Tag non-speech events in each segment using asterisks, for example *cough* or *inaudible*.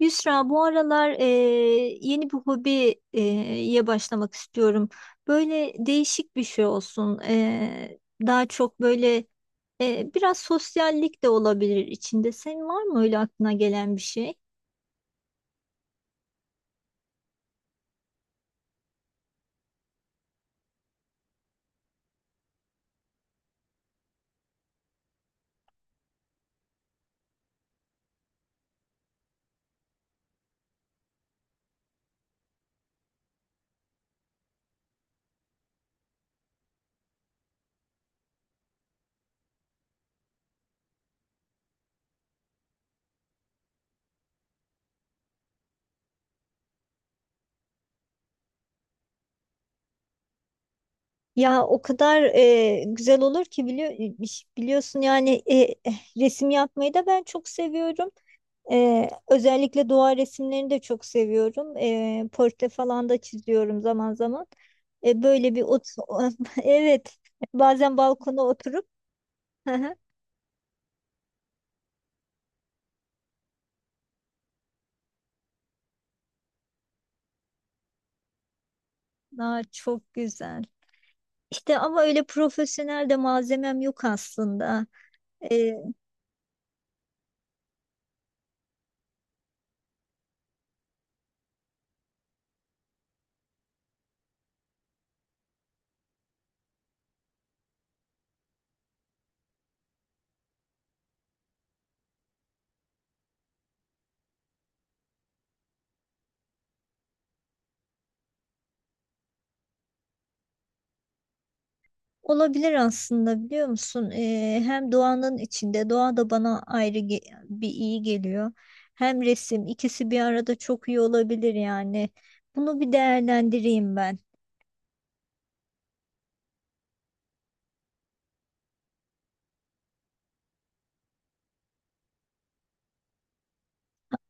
Yusra, bu aralar yeni bir hobiye e, ye başlamak istiyorum. Böyle değişik bir şey olsun. Daha çok böyle biraz sosyallik de olabilir içinde. Senin var mı öyle aklına gelen bir şey? Ya o kadar güzel olur ki biliyorsun yani resim yapmayı da ben çok seviyorum. Özellikle doğa resimlerini de çok seviyorum. Portre falan da çiziyorum zaman zaman. Böyle bir ot *laughs* evet, bazen balkona oturup *laughs* Aa, çok güzel. İşte ama öyle profesyonel de malzemem yok aslında. Ee, Olabilir aslında, biliyor musun? Hem doğanın içinde doğa da bana bir iyi geliyor. Hem resim, ikisi bir arada çok iyi olabilir yani. Bunu bir değerlendireyim ben.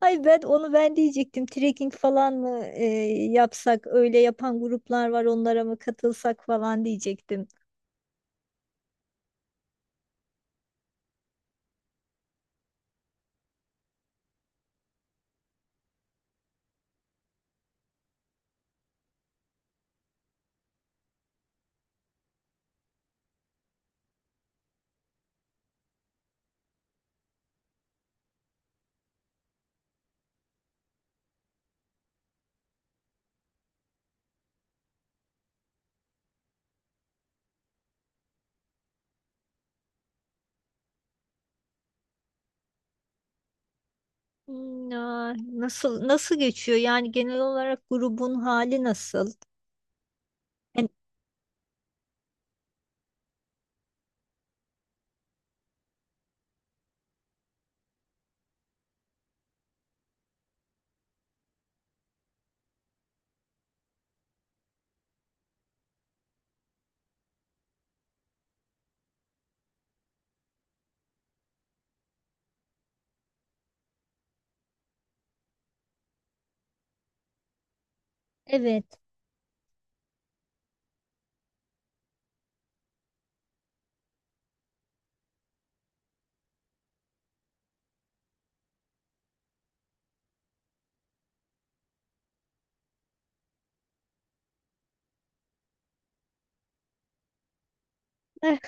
Ay, ben onu ben diyecektim. Trekking falan mı yapsak? Öyle yapan gruplar var, onlara mı katılsak falan diyecektim. Nasıl nasıl geçiyor? Yani genel olarak grubun hali nasıl? Yani, evet. Eh,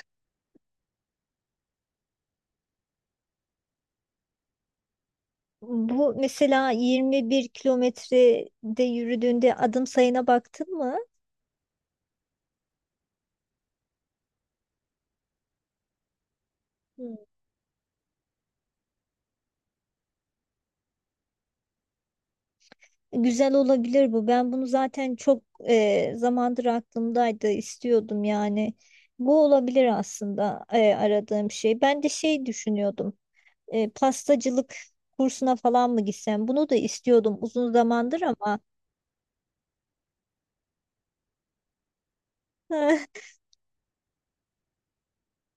Bu mesela 21 kilometrede yürüdüğünde adım sayına baktın mı? Hmm. Güzel olabilir bu. Ben bunu zaten çok zamandır aklımdaydı, istiyordum yani. Bu olabilir aslında aradığım şey. Ben de şey düşünüyordum. Pastacılık kursuna falan mı gitsem? Bunu da istiyordum uzun zamandır ama *laughs*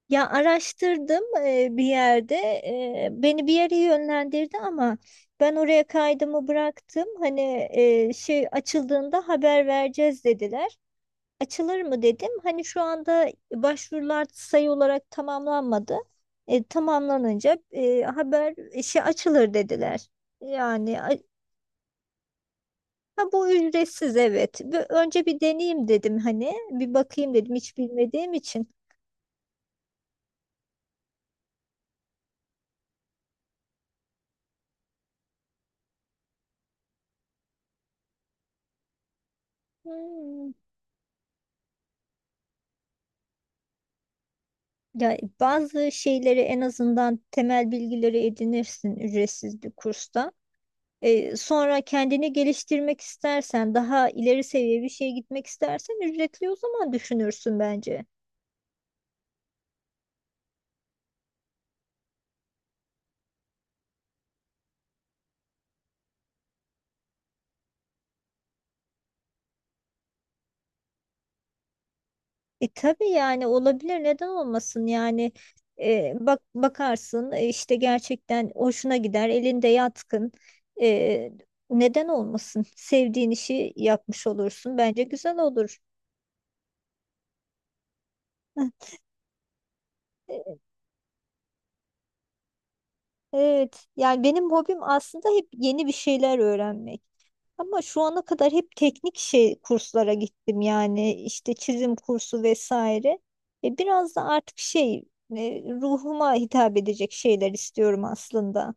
ya, araştırdım bir yerde. Beni bir yere yönlendirdi ama ben oraya kaydımı bıraktım. Hani şey açıldığında haber vereceğiz dediler. Açılır mı dedim. Hani şu anda başvurular sayı olarak tamamlanmadı. Tamamlanınca haber işi açılır dediler. Yani a- ha, bu ücretsiz evet. Önce bir deneyeyim dedim hani. Bir bakayım dedim hiç bilmediğim için. Hmm. Ya bazı şeyleri en azından temel bilgileri edinirsin ücretsiz bir kursta. Sonra kendini geliştirmek istersen, daha ileri seviye bir şeye gitmek istersen ücretli, o zaman düşünürsün bence. E tabii, yani olabilir, neden olmasın yani, bak bakarsın işte gerçekten hoşuna gider, elinde yatkın. E, Neden olmasın, sevdiğin işi yapmış olursun, bence güzel olur. *laughs* E, Evet, yani benim hobim aslında hep yeni bir şeyler öğrenmek, ama şu ana kadar hep teknik şey kurslara gittim, yani işte çizim kursu vesaire. Biraz da artık şey, ruhuma hitap edecek şeyler istiyorum aslında.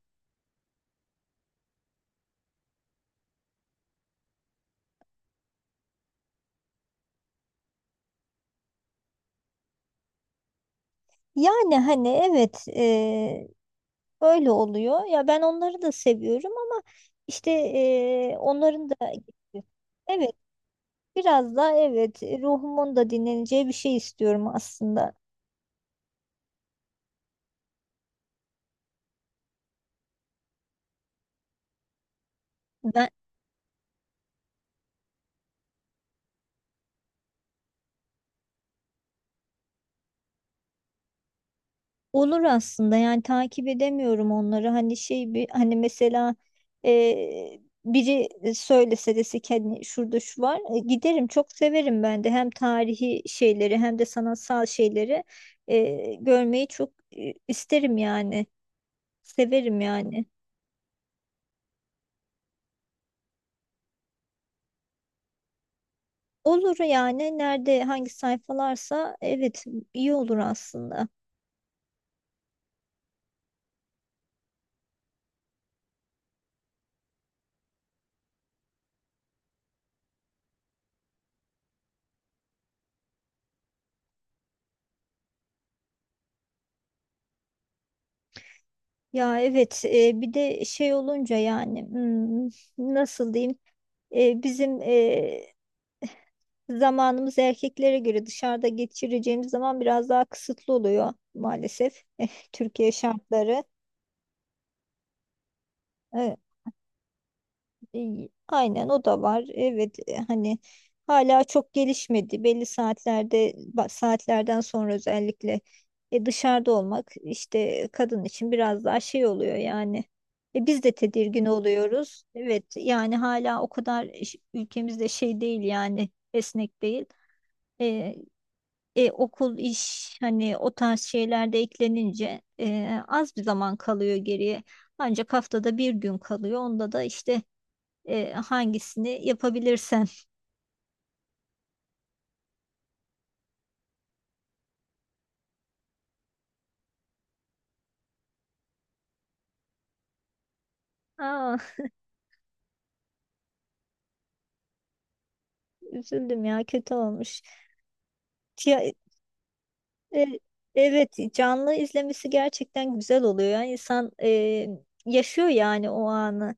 Yani hani evet, öyle oluyor. Ya ben onları da seviyorum ama işte onların da evet, biraz daha evet, ruhumun da dinleneceği bir şey istiyorum aslında. Ben olur aslında, yani takip edemiyorum onları. Hani şey, bir hani mesela biri söylese, dese ki hani şurada şu var. E, giderim, çok severim ben de hem tarihi şeyleri hem de sanatsal şeyleri görmeyi çok isterim yani. Severim yani. Olur, yani nerede hangi sayfalarsa evet, iyi olur aslında. Ya evet, bir de şey olunca yani, nasıl diyeyim, bizim zamanımız erkeklere göre, dışarıda geçireceğimiz zaman biraz daha kısıtlı oluyor maalesef. *laughs* Türkiye şartları. E, Aynen, o da var. Evet, hani hala çok gelişmedi. Belli saatlerde saatlerden sonra özellikle dışarıda olmak işte kadın için biraz daha şey oluyor yani. Biz de tedirgin oluyoruz. Evet, yani hala o kadar ülkemizde şey değil yani, esnek değil. E, Okul, iş, hani o tarz şeyler de eklenince az bir zaman kalıyor geriye. Ancak haftada bir gün kalıyor. Onda da işte hangisini yapabilirsen. Aa, *laughs* üzüldüm ya, kötü olmuş. Ya, e, evet, canlı izlemesi gerçekten güzel oluyor. Yani insan yaşıyor yani o anı.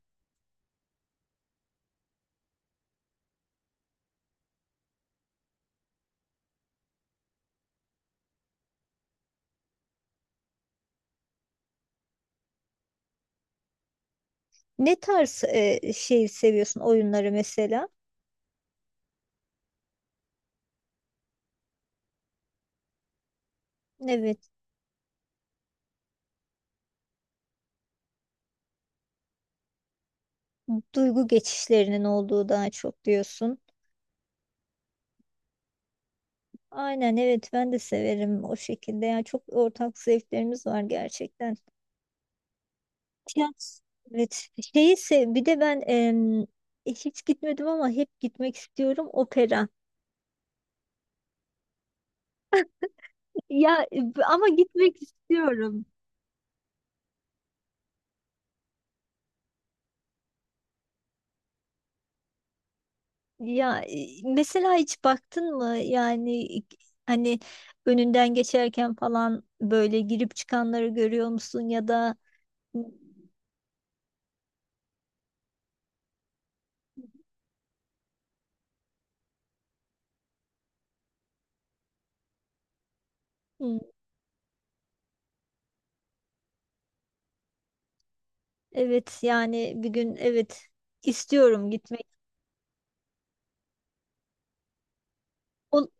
Ne tarz şey seviyorsun oyunları mesela? Evet. Duygu geçişlerinin olduğu daha çok diyorsun. Aynen evet, ben de severim o şekilde. Yani çok ortak zevklerimiz var gerçekten. Tiyatro, evet. Bir de ben hiç gitmedim ama hep gitmek istiyorum, opera. Ya ama gitmek istiyorum. Ya mesela hiç baktın mı yani, hani önünden geçerken falan böyle girip çıkanları görüyor musun, ya da Hı, evet yani, bir gün evet, istiyorum gitmek. Ol-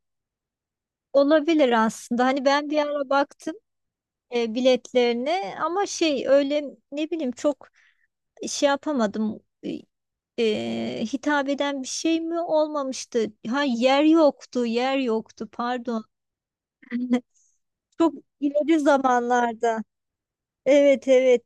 Olabilir aslında. Hani ben bir ara baktım biletlerine ama şey, öyle ne bileyim, çok şey yapamadım. Hitap eden bir şey mi olmamıştı? Ha, yer yoktu, yer yoktu. Pardon. *laughs* Çok ileri zamanlarda. Evet, evet.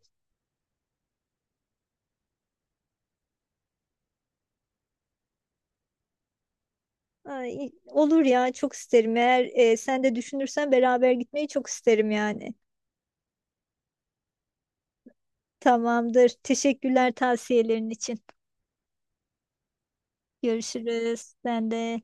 Ay olur ya, çok isterim. Eğer sen de düşünürsen beraber gitmeyi çok isterim yani. Tamamdır. Teşekkürler tavsiyelerin için. Görüşürüz. Ben de.